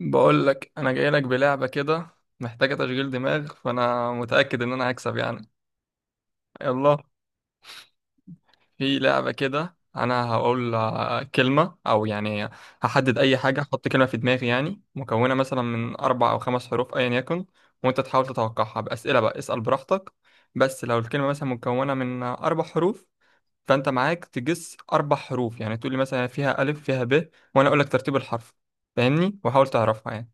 بقول لك انا جاي لك بلعبه كده، محتاجه تشغيل دماغ، فانا متاكد ان انا هكسب يعني. يلا. في لعبه كده انا هقول كلمه او يعني هحدد اي حاجه، احط كلمه في دماغي يعني مكونه مثلا من اربع او خمس حروف ايا يكن، وانت تحاول تتوقعها باسئله. بقى اسال براحتك. بس لو الكلمه مثلا مكونه من اربع حروف، فانت معاك تجس اربع حروف. يعني تقول لي مثلا فيها الف فيها ب وانا اقول لك ترتيب الحرف، فاهمني؟ وحاول تعرفها يعني.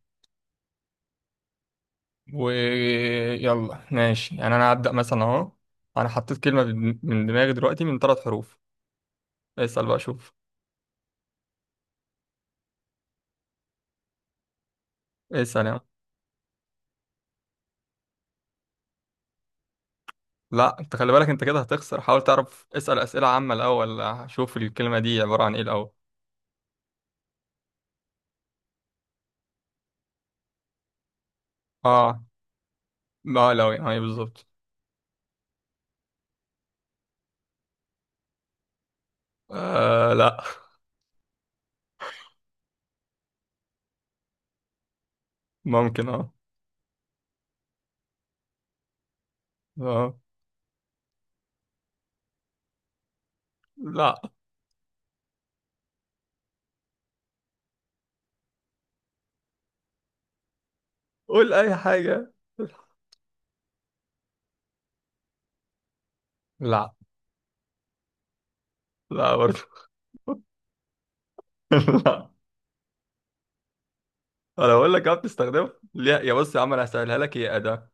ويلا. ماشي يعني انا هبدأ مثلا اهو. انا حطيت كلمة من دماغي دلوقتي، من ثلاث حروف. اسأل بقى شوف. اسأل يعني. لا، انت خلي بالك، انت كده هتخسر، حاول تعرف، اسأل أسئلة عامة الاول. شوف الكلمة دي عبارة عن ايه الاول. اه. ما لو يعني بالظبط. آه لا. ممكن اه. اه. لا. قول اي حاجة. لا. لا برضه. لا. انا بقول لك اه بتستخدمها. لا يا بص، يا عم انا هسهلها لك، هي أداة.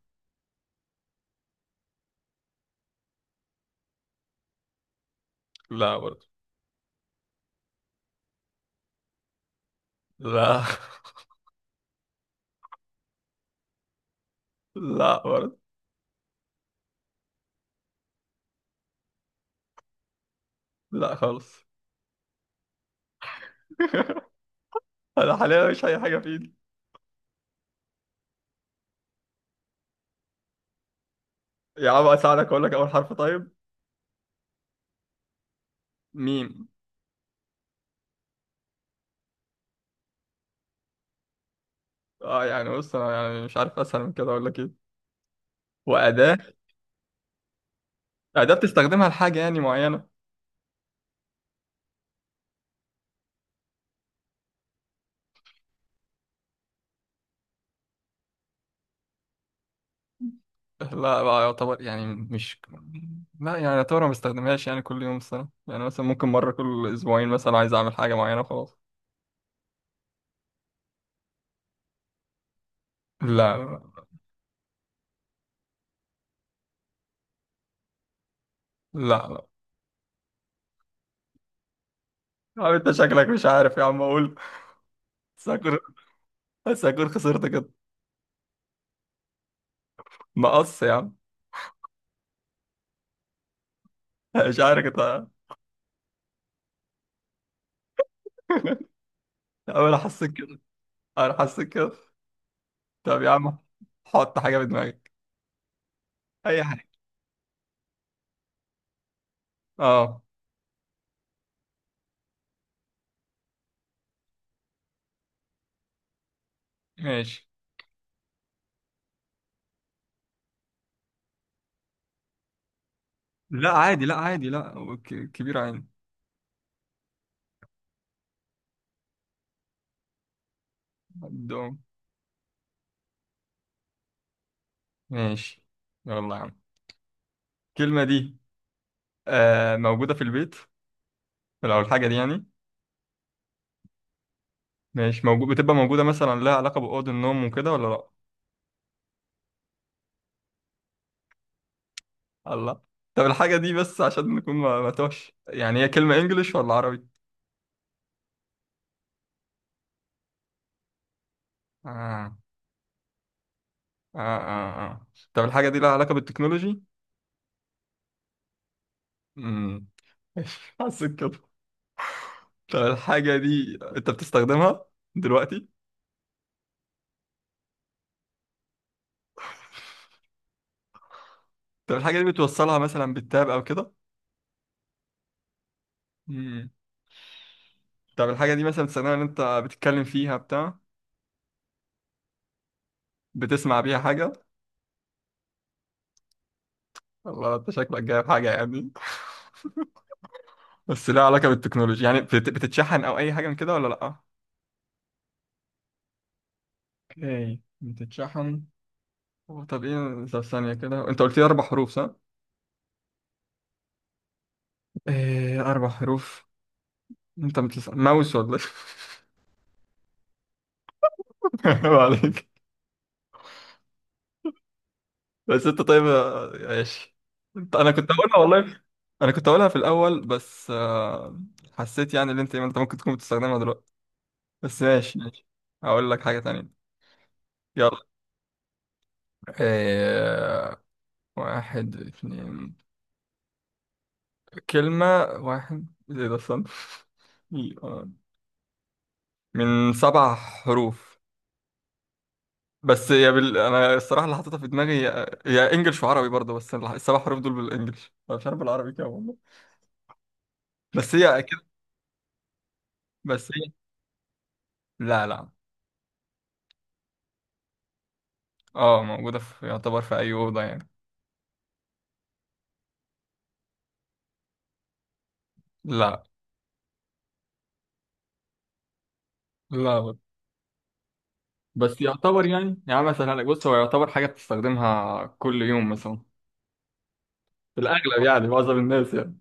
لا برضه. لا. لا برضه. لا خالص. انا حاليا مش اي حاجه في ايدي. يا عم اساعدك اقول لك اول حرف طيب. ميم. اه يعني بص، انا يعني مش عارف اسهل من كده، اقول لك ايه؟ واداه. اداه بتستخدمها لحاجه يعني معينه. لا بقى يعتبر يعني مش لا يعني يعتبر ما بستخدمهاش يعني كل يوم الصراحه. يعني مثلا ممكن مره كل اسبوعين مثلا عايز اعمل حاجه معينه وخلاص. لا لا. لا لا. يا عم انت شكلك مش عارف، يا عم اقول. بس هكون بس هكون خسرت كده. مقص يا عم. مش عارف انت. انا حسيت كده. انا حسيت كده. طب يا عم، حط حاجة في دماغك، أي حاجة. أه. ماشي. لا عادي، لا عادي، لا هو كبير عادي. عندهم. ماشي. يلا يا عم. الكلمة دي موجودة في البيت لو الحاجة دي يعني. ماشي، موجود، بتبقى موجودة مثلا، لها علاقة بأوض النوم وكده ولا لا؟ الله. طب الحاجة دي، بس عشان نكون ما توش يعني، هي كلمة إنجليش ولا عربي؟ آه آه آه. آه، طب الحاجة دي لها علاقة بالتكنولوجي؟ امم ماشي، حسيت كده. طب الحاجة دي انت بتستخدمها دلوقتي؟ طب الحاجة دي بتوصلها مثلا بالتاب او كده؟ مم. طب الحاجة دي مثلا بتستخدمها ان انت بتتكلم فيها بتاع؟ بتسمع بيها حاجة؟ والله انت شكلك جايب حاجة يعني. بس لها علاقة بالتكنولوجيا يعني بتتشحن او اي حاجة من كده ولا لا؟ اوكي، بتتشحن. طب ايه، طب ثانية كده، انت قلت لي اربع حروف صح؟ ايه اربع حروف. انت بتسأل ماوس ولا ايه؟ عليك. بس انت طيب ماشي. انا كنت هقولها والله. انا كنت هقولها في الاول بس حسيت يعني ان انت ممكن تكون بتستخدمها دلوقتي، بس ماشي ماشي. هقول لك حاجة تانية. يلا. آه، واحد اتنين، كلمة واحد ايه ده، استنى. آه، من سبع حروف. بس يا بال... انا الصراحة اللي حاططها في دماغي هي هي انجلش وعربي برضه، بس السبع حروف دول بالانجلش، أنا مش عارف بالعربي كده والله. بس هي كده. بس هي. لا لا. اه موجودة في، يعتبر في أي أوضة يعني. لا. لا بس يعتبر يعني، يعني مثلا لك بص، هو يعتبر حاجة بتستخدمها كل يوم مثلا، في الأغلب، يعني معظم الناس يعني.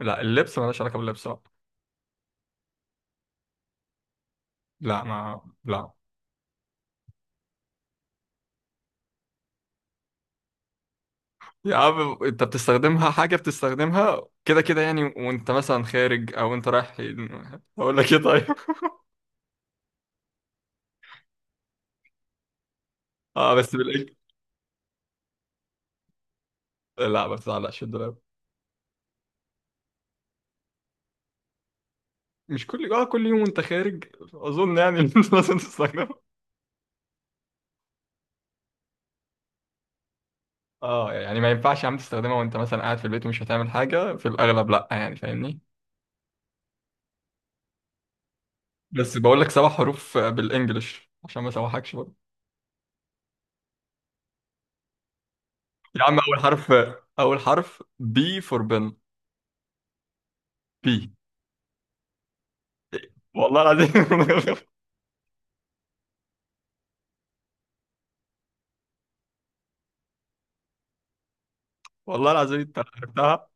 لا اللبس، مالهاش علاقة باللبس بقى. لا ما لا. يا عم أنت بتستخدمها، حاجة بتستخدمها كده كده يعني وأنت مثلا خارج أو أنت رايح. أقول لك إيه طيب؟ اه بس بالإج. لا ما بتعلقش الدولاب. مش كل اه، كل يوم وأنت خارج أظن يعني. لازم تستخدمها. اه يعني ما ينفعش يا عم تستخدمها وانت مثلا قاعد في البيت ومش هتعمل حاجة في الأغلب لأ، يعني فاهمني. بس بقول لك سبع حروف بالإنجلش عشان ما اسوحكش برضه. يا عم أول حرف، أول حرف بي فور بن. بي. والله العظيم. والله العظيم أنت عرفتها.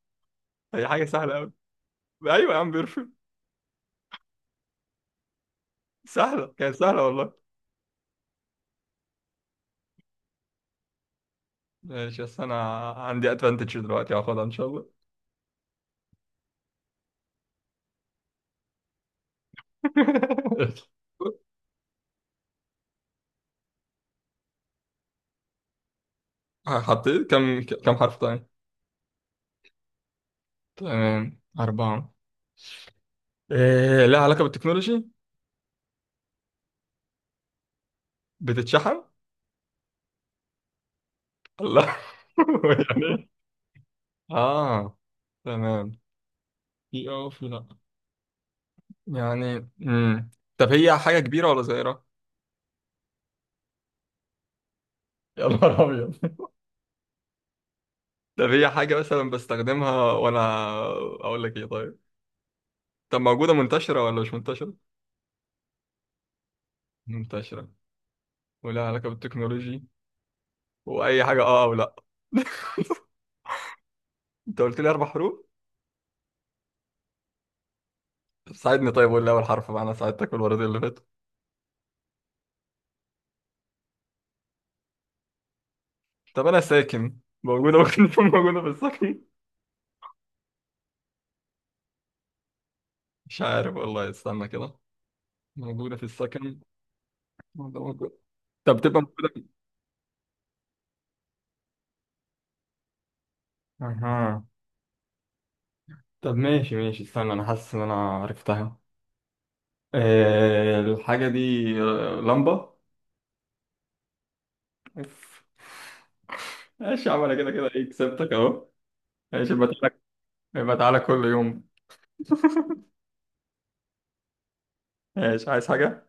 هي حاجة سهلة أوي. أيوة يا عم، بيرفكت. سهلة، كانت سهلة والله. ماشي، بس أنا عندي أدفانتج دلوقتي، هاخدها إن شاء الله. حطيت كم حرف تاني؟ تمام أربعة. إيه، لها علاقة بالتكنولوجي؟ بتتشحن؟ لا. يعني إيه؟ اه، تمام. في اه وفي لا. يعني طب هي حاجة كبيرة ولا صغيرة؟ يا نهار ابيض. طب هي حاجة مثلا بستخدمها وأنا، أقول لك إيه طيب؟ طب موجودة منتشرة ولا مش منتشرة؟ منتشرة، ولها علاقة بالتكنولوجي، وأي حاجة أه أو لأ. أنت قلت لي أربع حروف؟ طب ساعدني طيب، قول لي أول حرف بقى، أنا ساعدتك في الورقتين اللي فاتوا. طب أنا ساكن، موجودة، ممكن تكون موجودة في السكن؟ مش عارف والله، استنى كده. موجودة في السكن، ده موجود. طب تبقى موجودة. اها. طب ماشي ماشي، استنى، انا حاسس ان انا عرفتها. آه الحاجة دي، آه لمبة. أوف. ماشي يا عم، انا كده كده ايه، كسبتك اهو. ماشي، يبقى تعالى، يبقى تعالى كل يوم. ماشي، عايز حاجة؟